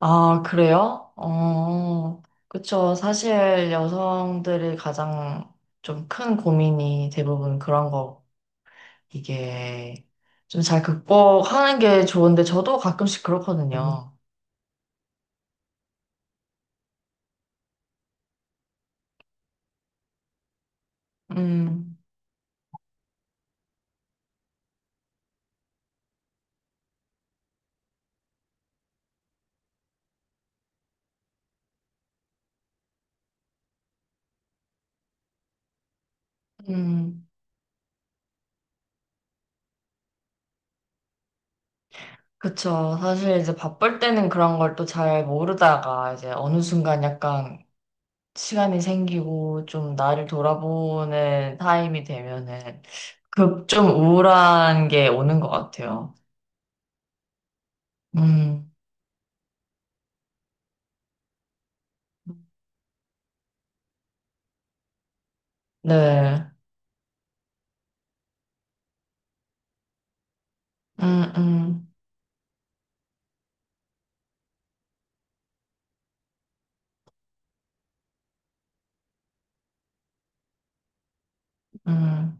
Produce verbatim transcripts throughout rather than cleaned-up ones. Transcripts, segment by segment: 아, 그래요? 어, 그쵸. 사실 여성들이 가장 좀 큰 고민이 대부분 그런 거, 이게 좀 잘 극복하는 게 좋은데 저도 가끔씩 그렇거든요. 음, 음, 그쵸. 사실 이제 바쁠 때는 그런 걸 또 잘 모르다가 이제 어느 순간 약간 시간이 생기고 좀 나를 돌아보는 타임이 되면은 그 좀 우울한 게 오는 것 같아요. 음. 네. 음, 음, 음.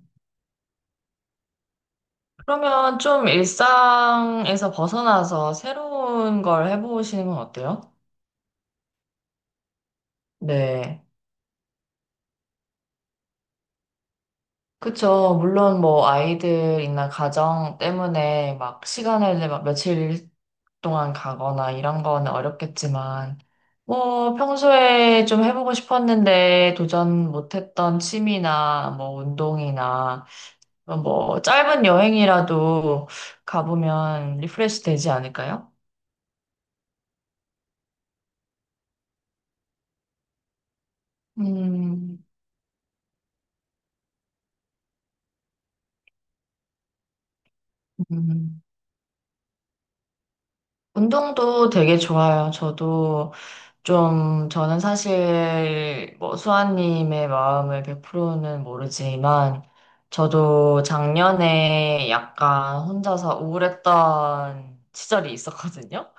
그러면 좀 일상에서 벗어나서 새로운 걸 해보시는 건 어때요? 네. 그쵸. 물론 뭐 아이들이나 가정 때문에 막 시간을 막 며칠 동안 가거나 이런 거는 어렵겠지만, 뭐 평소에 좀 해보고 싶었는데 도전 못했던 취미나 뭐 운동이나 뭐 짧은 여행이라도 가보면 리프레시 되지 않을까요? 음, 음. 운동도 되게 좋아요. 저도 좀, 저는 사실 뭐 수아님의 마음을 백 퍼센트는 모르지만, 저도 작년에 약간 혼자서 우울했던 시절이 있었거든요.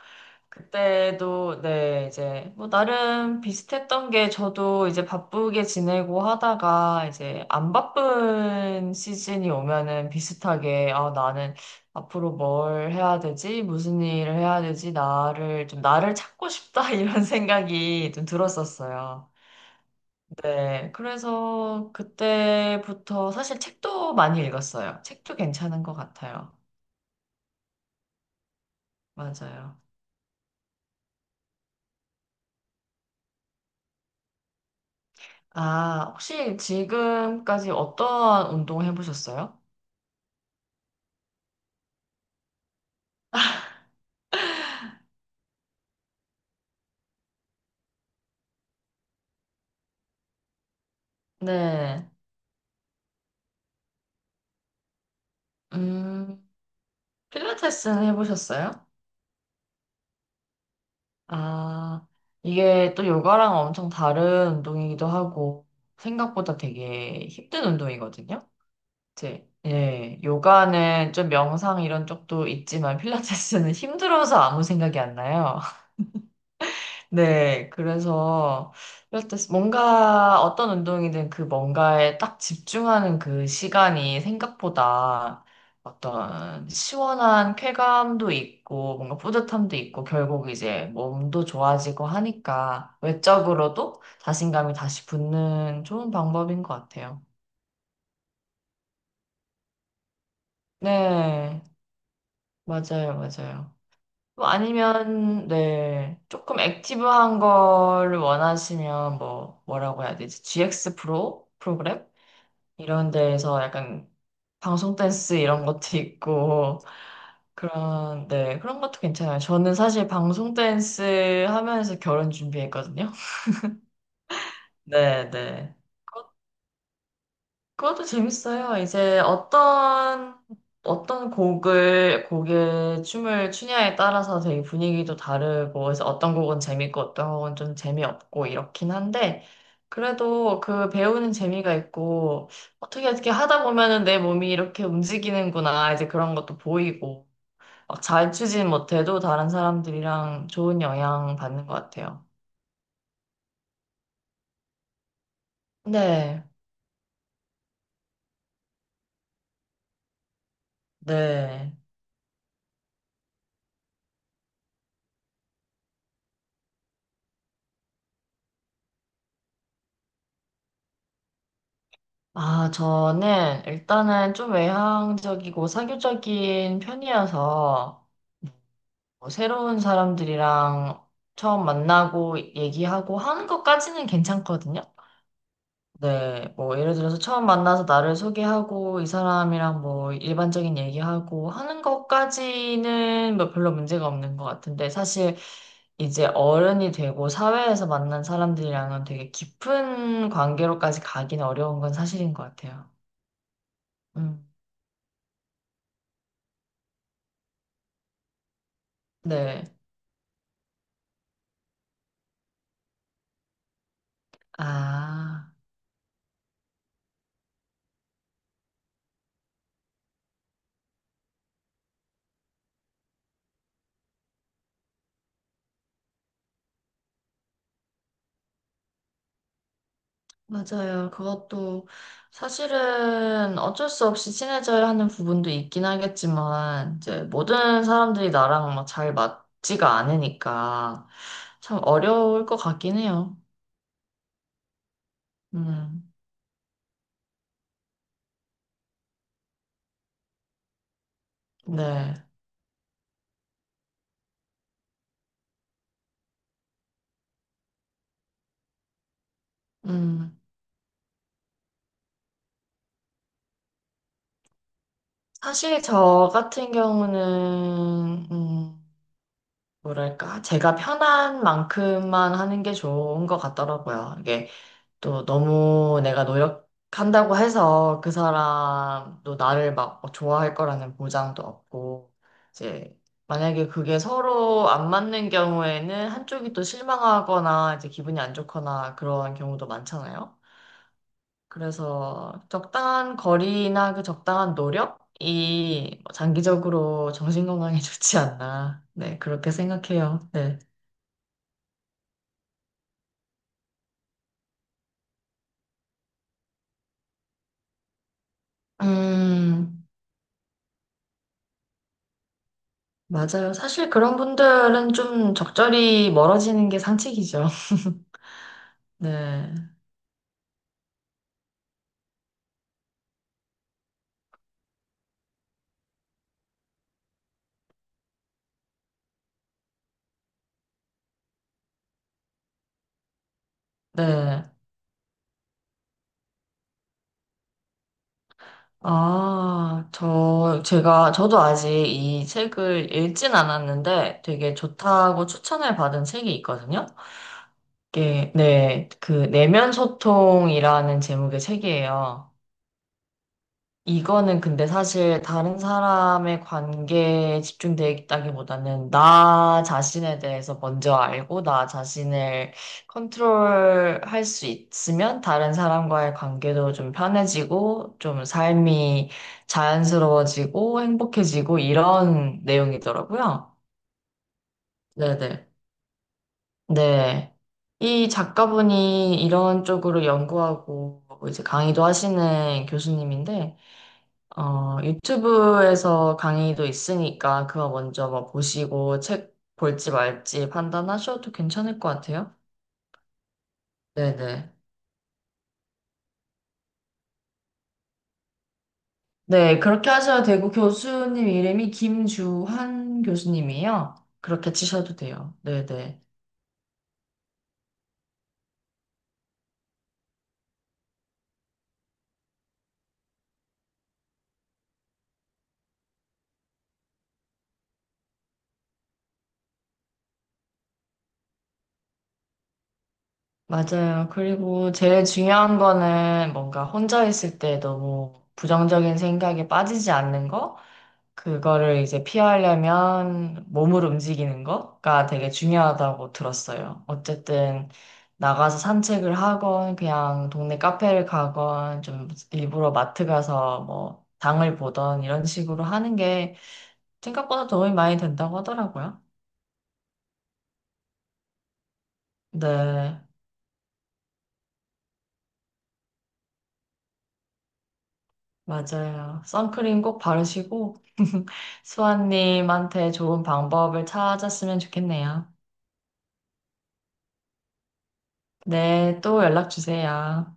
그때도 네 이제 뭐 나름 비슷했던 게 저도 이제 바쁘게 지내고 하다가 이제 안 바쁜 시즌이 오면은 비슷하게 아 나는 앞으로 뭘 해야 되지? 무슨 일을 해야 되지? 나를 좀 나를 찾고 싶다 이런 생각이 좀 들었었어요. 네, 그래서 그때부터 사실 책도 많이 읽었어요. 책도 괜찮은 것 같아요. 맞아요. 아, 혹시 지금까지 어떠한 운동 해보셨어요? 네. 음, 필라테스는 해보셨어요? 아, 이게 또 요가랑 엄청 다른 운동이기도 하고, 생각보다 되게 힘든 운동이거든요? 이제, 예, 요가는 좀 명상 이런 쪽도 있지만, 필라테스는 힘들어서 아무 생각이 안 나요. 네, 그래서 이럴 때 뭔가 어떤 운동이든 그 뭔가에 딱 집중하는 그 시간이 생각보다 어떤 시원한 쾌감도 있고 뭔가 뿌듯함도 있고 결국 이제 몸도 좋아지고 하니까 외적으로도 자신감이 다시 붙는 좋은 방법인 것 같아요. 네, 맞아요, 맞아요. 뭐 아니면 네 조금 액티브한 걸 원하시면 뭐 뭐라고 해야 되지? 지엑스 프로 프로그램 이런 데에서 약간 방송 댄스 이런 것도 있고 그런 네 그런 것도 괜찮아요. 저는 사실 방송 댄스 하면서 결혼 준비했거든요. 네 네. 그것도 재밌어요. 이제 어떤, 어떤 곡을, 곡의 춤을 추냐에 따라서 되게 분위기도 다르고, 그래서 어떤 곡은 재밌고, 어떤 곡은 좀 재미없고, 이렇긴 한데, 그래도 그 배우는 재미가 있고, 어떻게 어떻게 하다 보면은 내 몸이 이렇게 움직이는구나, 이제 그런 것도 보이고, 막 잘 추진 못해도 다른 사람들이랑 좋은 영향 받는 것 같아요. 네, 네. 아, 저는 일단은 좀 외향적이고 사교적인 편이어서 뭐 새로운 사람들이랑 처음 만나고 얘기하고 하는 것까지는 괜찮거든요. 네, 뭐 예를 들어서 처음 만나서 나를 소개하고 이 사람이랑 뭐 일반적인 얘기하고 하는 것까지는 뭐 별로 문제가 없는 것 같은데 사실 이제 어른이 되고 사회에서 만난 사람들이랑은 되게 깊은 관계로까지 가긴 어려운 건 사실인 것 같아요. 음. 네. 아, 맞아요. 그것도 사실은 어쩔 수 없이 친해져야 하는 부분도 있긴 하겠지만, 이제 모든 사람들이 나랑 막 잘 맞지가 않으니까 참 어려울 것 같긴 해요. 음, 네. 음, 사실 저 같은 경우는, 음, 뭐랄까, 제가 편한 만큼만 하는 게 좋은 것 같더라고요. 이게 또 너무 내가 노력한다고 해서 그 사람도 나를 막 어, 좋아할 거라는 보장도 없고, 이제 만약에 그게 서로 안 맞는 경우에는 한쪽이 또 실망하거나 이제 기분이 안 좋거나 그런 경우도 많잖아요. 그래서 적당한 거리나 그 적당한 노력이 장기적으로 정신 건강에 좋지 않나. 네, 그렇게 생각해요. 네. 음, 맞아요. 사실 그런 분들은 좀 적절히 멀어지는 게 상책이죠. 네. 네. 아, 저, 제가, 저도 아직 이 책을 읽진 않았는데 되게 좋다고 추천을 받은 책이 있거든요. 이게, 네, 그, 내면 소통이라는 제목의 책이에요. 이거는 근데 사실 다른 사람의 관계에 집중되기보다는 나 자신에 대해서 먼저 알고 나 자신을 컨트롤할 수 있으면 다른 사람과의 관계도 좀 편해지고 좀 삶이 자연스러워지고 행복해지고 이런 내용이더라고요. 네네. 네. 이 작가분이 이런 쪽으로 연구하고 이제 강의도 하시는 교수님인데 어, 유튜브에서 강의도 있으니까 그거 먼저 뭐 보시고 책 볼지 말지 판단하셔도 괜찮을 것 같아요. 네네. 네, 그렇게 하셔도 되고 교수님 이름이 김주환 교수님이에요. 그렇게 치셔도 돼요. 네네. 맞아요. 그리고 제일 중요한 거는 뭔가 혼자 있을 때 너무 부정적인 생각에 빠지지 않는 거? 그거를 이제 피하려면 몸을 움직이는 거가 되게 중요하다고 들었어요. 어쨌든 나가서 산책을 하건 그냥 동네 카페를 가건 좀 일부러 마트 가서 뭐 장을 보던 이런 식으로 하는 게 생각보다 도움이 많이 된다고 하더라고요. 네, 맞아요. 선크림 꼭 바르시고 수아님한테 좋은 방법을 찾았으면 좋겠네요. 네, 또 연락 주세요.